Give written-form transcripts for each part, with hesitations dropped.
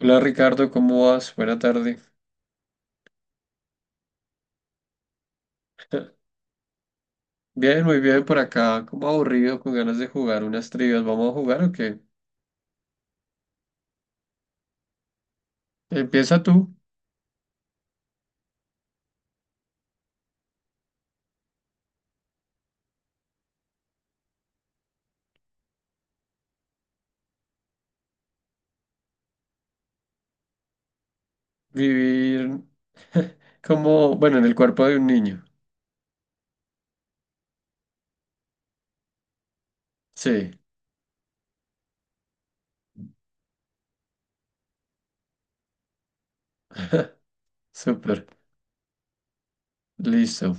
Hola Ricardo, ¿cómo vas? Buena tarde. Bien, muy bien por acá, como aburrido, con ganas de jugar unas trivias. ¿Vamos a jugar o qué? Empieza tú, vivir como, bueno, en el cuerpo de un niño. Sí, súper, listo.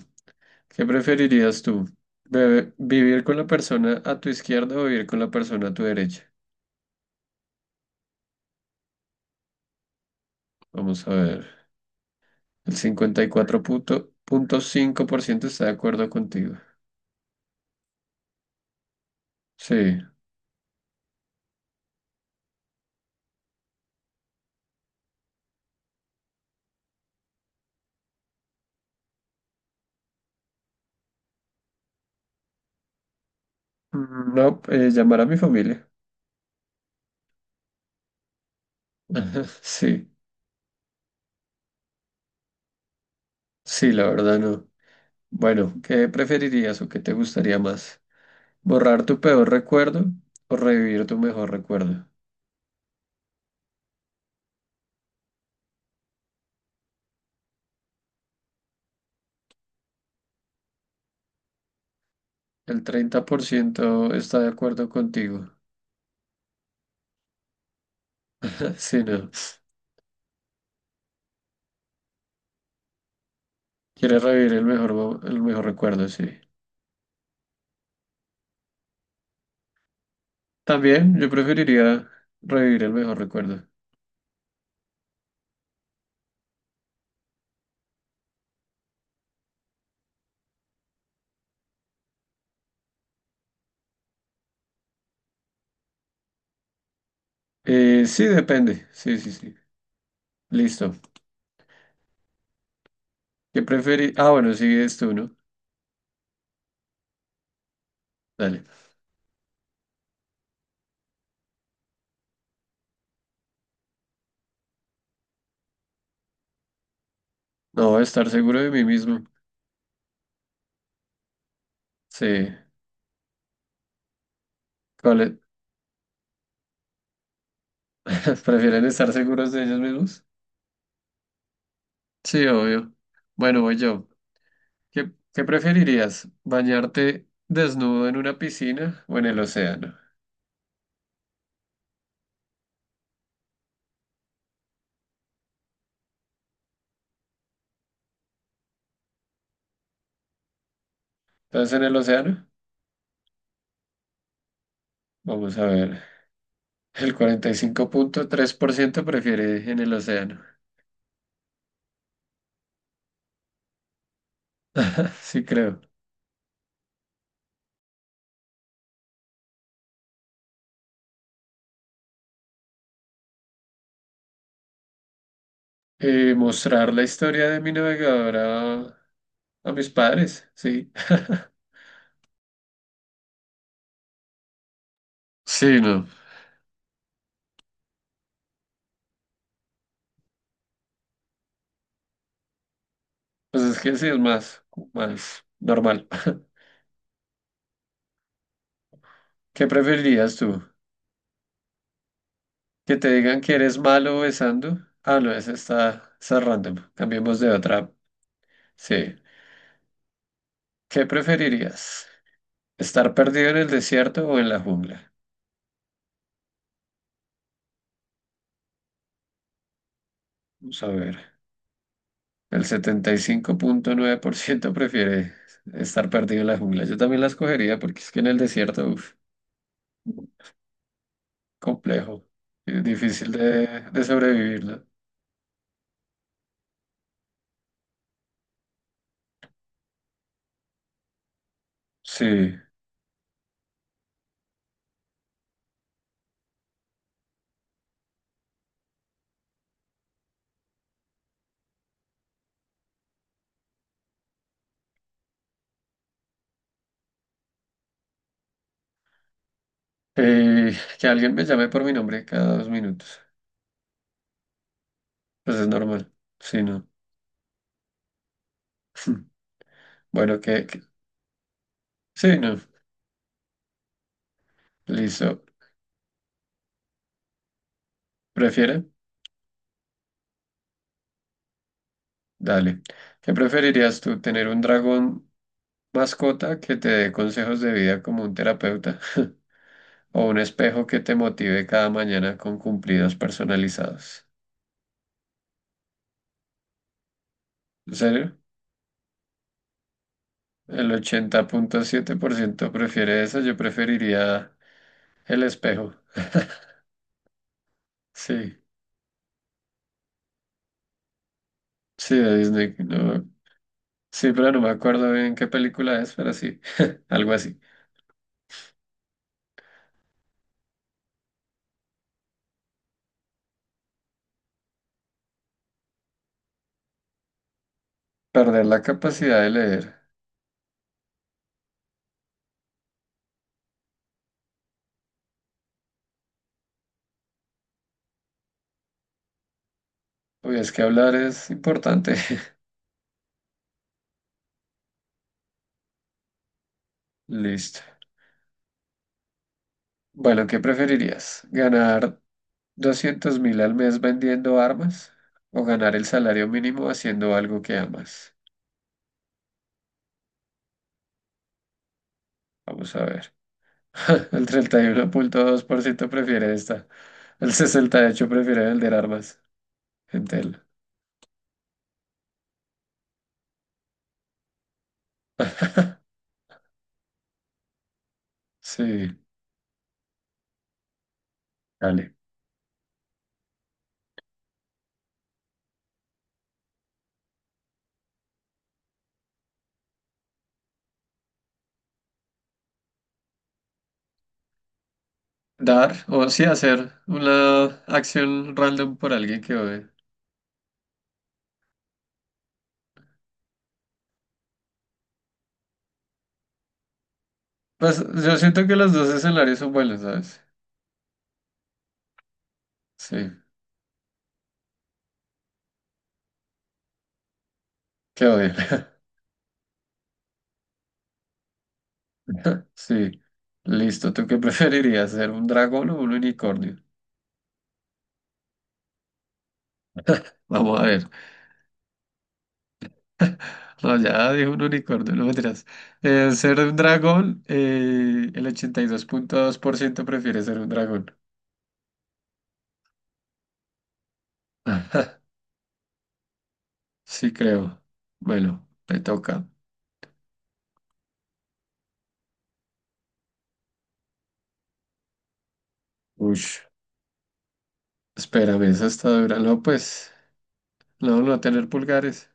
¿Qué preferirías tú? ¿Vivir con la persona a tu izquierda o vivir con la persona a tu derecha? Vamos a ver. El 54,5% está de acuerdo contigo. Sí. Mm, no, llamar a mi familia. Ajá, sí, sí, la verdad no. Bueno, ¿qué preferirías o qué te gustaría más? ¿Borrar tu peor recuerdo o revivir tu mejor recuerdo? El 30% está de acuerdo contigo. Sí, no. Quieres revivir el mejor, el mejor recuerdo, sí. También yo preferiría revivir el mejor recuerdo. Sí, depende. Sí, sí, sí. Listo. ¿Qué preferí? Ah, bueno, sigues tú, ¿no? Dale. No, estar seguro de mí mismo. Sí. ¿Cuál es? Prefieren estar seguros de ellos mismos. Sí, obvio. Bueno, voy yo. ¿Qué preferirías? ¿Bañarte desnudo en una piscina o en el océano? Entonces, en el océano, vamos a ver. El 45,3% prefiere en el océano. Sí, creo. Mostrar la historia de mi navegador a mis padres, sí. Sí, no. Pues es que sí es más, más normal. ¿Qué preferirías tú? Que te digan que eres malo besando. Ah, no, esa está, está random. Cambiemos de otra. Sí. ¿Qué preferirías? ¿Estar perdido en el desierto o en la jungla? Vamos a ver. El 75,9% prefiere estar perdido en la jungla. Yo también la escogería porque es que en el desierto, uf, complejo. Y difícil de sobrevivir, ¿no? Sí. Eh, que alguien me llame por mi nombre cada 2 minutos. Pues es normal. Sí, no. Bueno, sí, no. Listo. ¿Prefiere? Dale. ¿Qué preferirías tú, tener un dragón mascota que te dé consejos de vida como un terapeuta o un espejo que te motive cada mañana con cumplidos personalizados? ¿En serio? El 80,7% prefiere eso. Yo preferiría el espejo. Sí, sí, de Disney. No. Sí, pero no me acuerdo bien qué película es, pero sí, algo así. Perder la capacidad de leer. Uy, es que hablar es importante. Listo. Bueno, ¿qué preferirías? ¿Ganar 200.000 al mes vendiendo armas o ganar el salario mínimo haciendo algo que amas? Vamos a ver. El 31,2% prefiere esta. El 68% prefiere vender armas. Entel. Sí, dale. Dar o sí hacer una acción random por alguien que odie. Pues yo siento que los dos escenarios son buenos, ¿sabes? Sí, que odie. Sí, listo. ¿Tú qué preferirías, ser un dragón o un unicornio? Vamos a ver. No, ya dije un unicornio, no me dirás. Ser un dragón, el 82,2% prefiere ser un dragón. Sí, creo. Bueno, me toca. Ush, espérame, esa está dura. No, pues, no, no tener pulgares.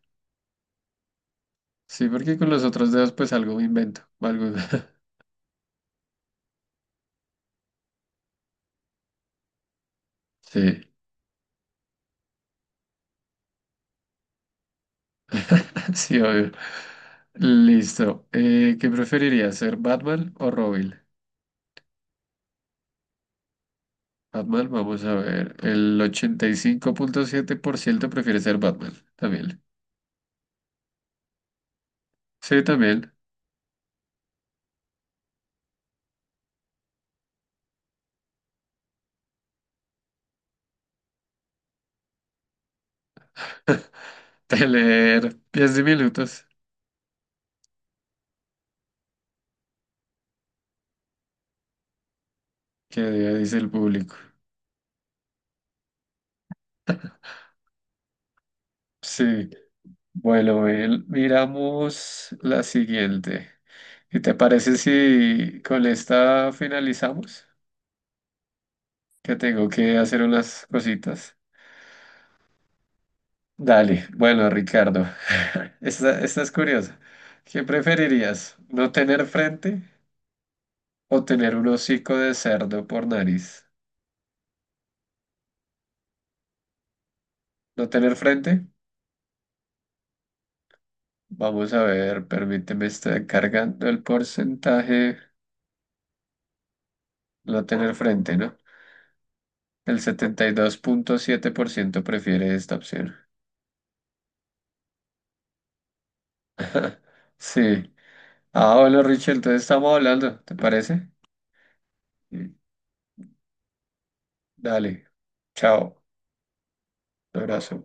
Sí, porque con los otros dedos, pues algo me invento. Algo... Sí, sí, obvio. Listo. ¿Qué preferirías, ser Batman o Robin? Batman, vamos a ver. El 85.7% prefiere ser Batman. También. Sí, también. De leer 10 minutos. Que dice el público. Sí. Bueno, Bel, miramos la siguiente. ¿Y te parece si con esta finalizamos? Que tengo que hacer unas cositas. Dale. Bueno, Ricardo. Esta es curiosa. ¿Qué preferirías? ¿No tener frente o tener un hocico de cerdo por nariz? No tener frente. Vamos a ver, permíteme, está cargando el porcentaje. No tener frente, ¿no? El 72,7% prefiere esta opción. Sí. Ah, bueno, Richard, entonces estamos hablando, ¿te parece? Sí. Dale, chao, un abrazo.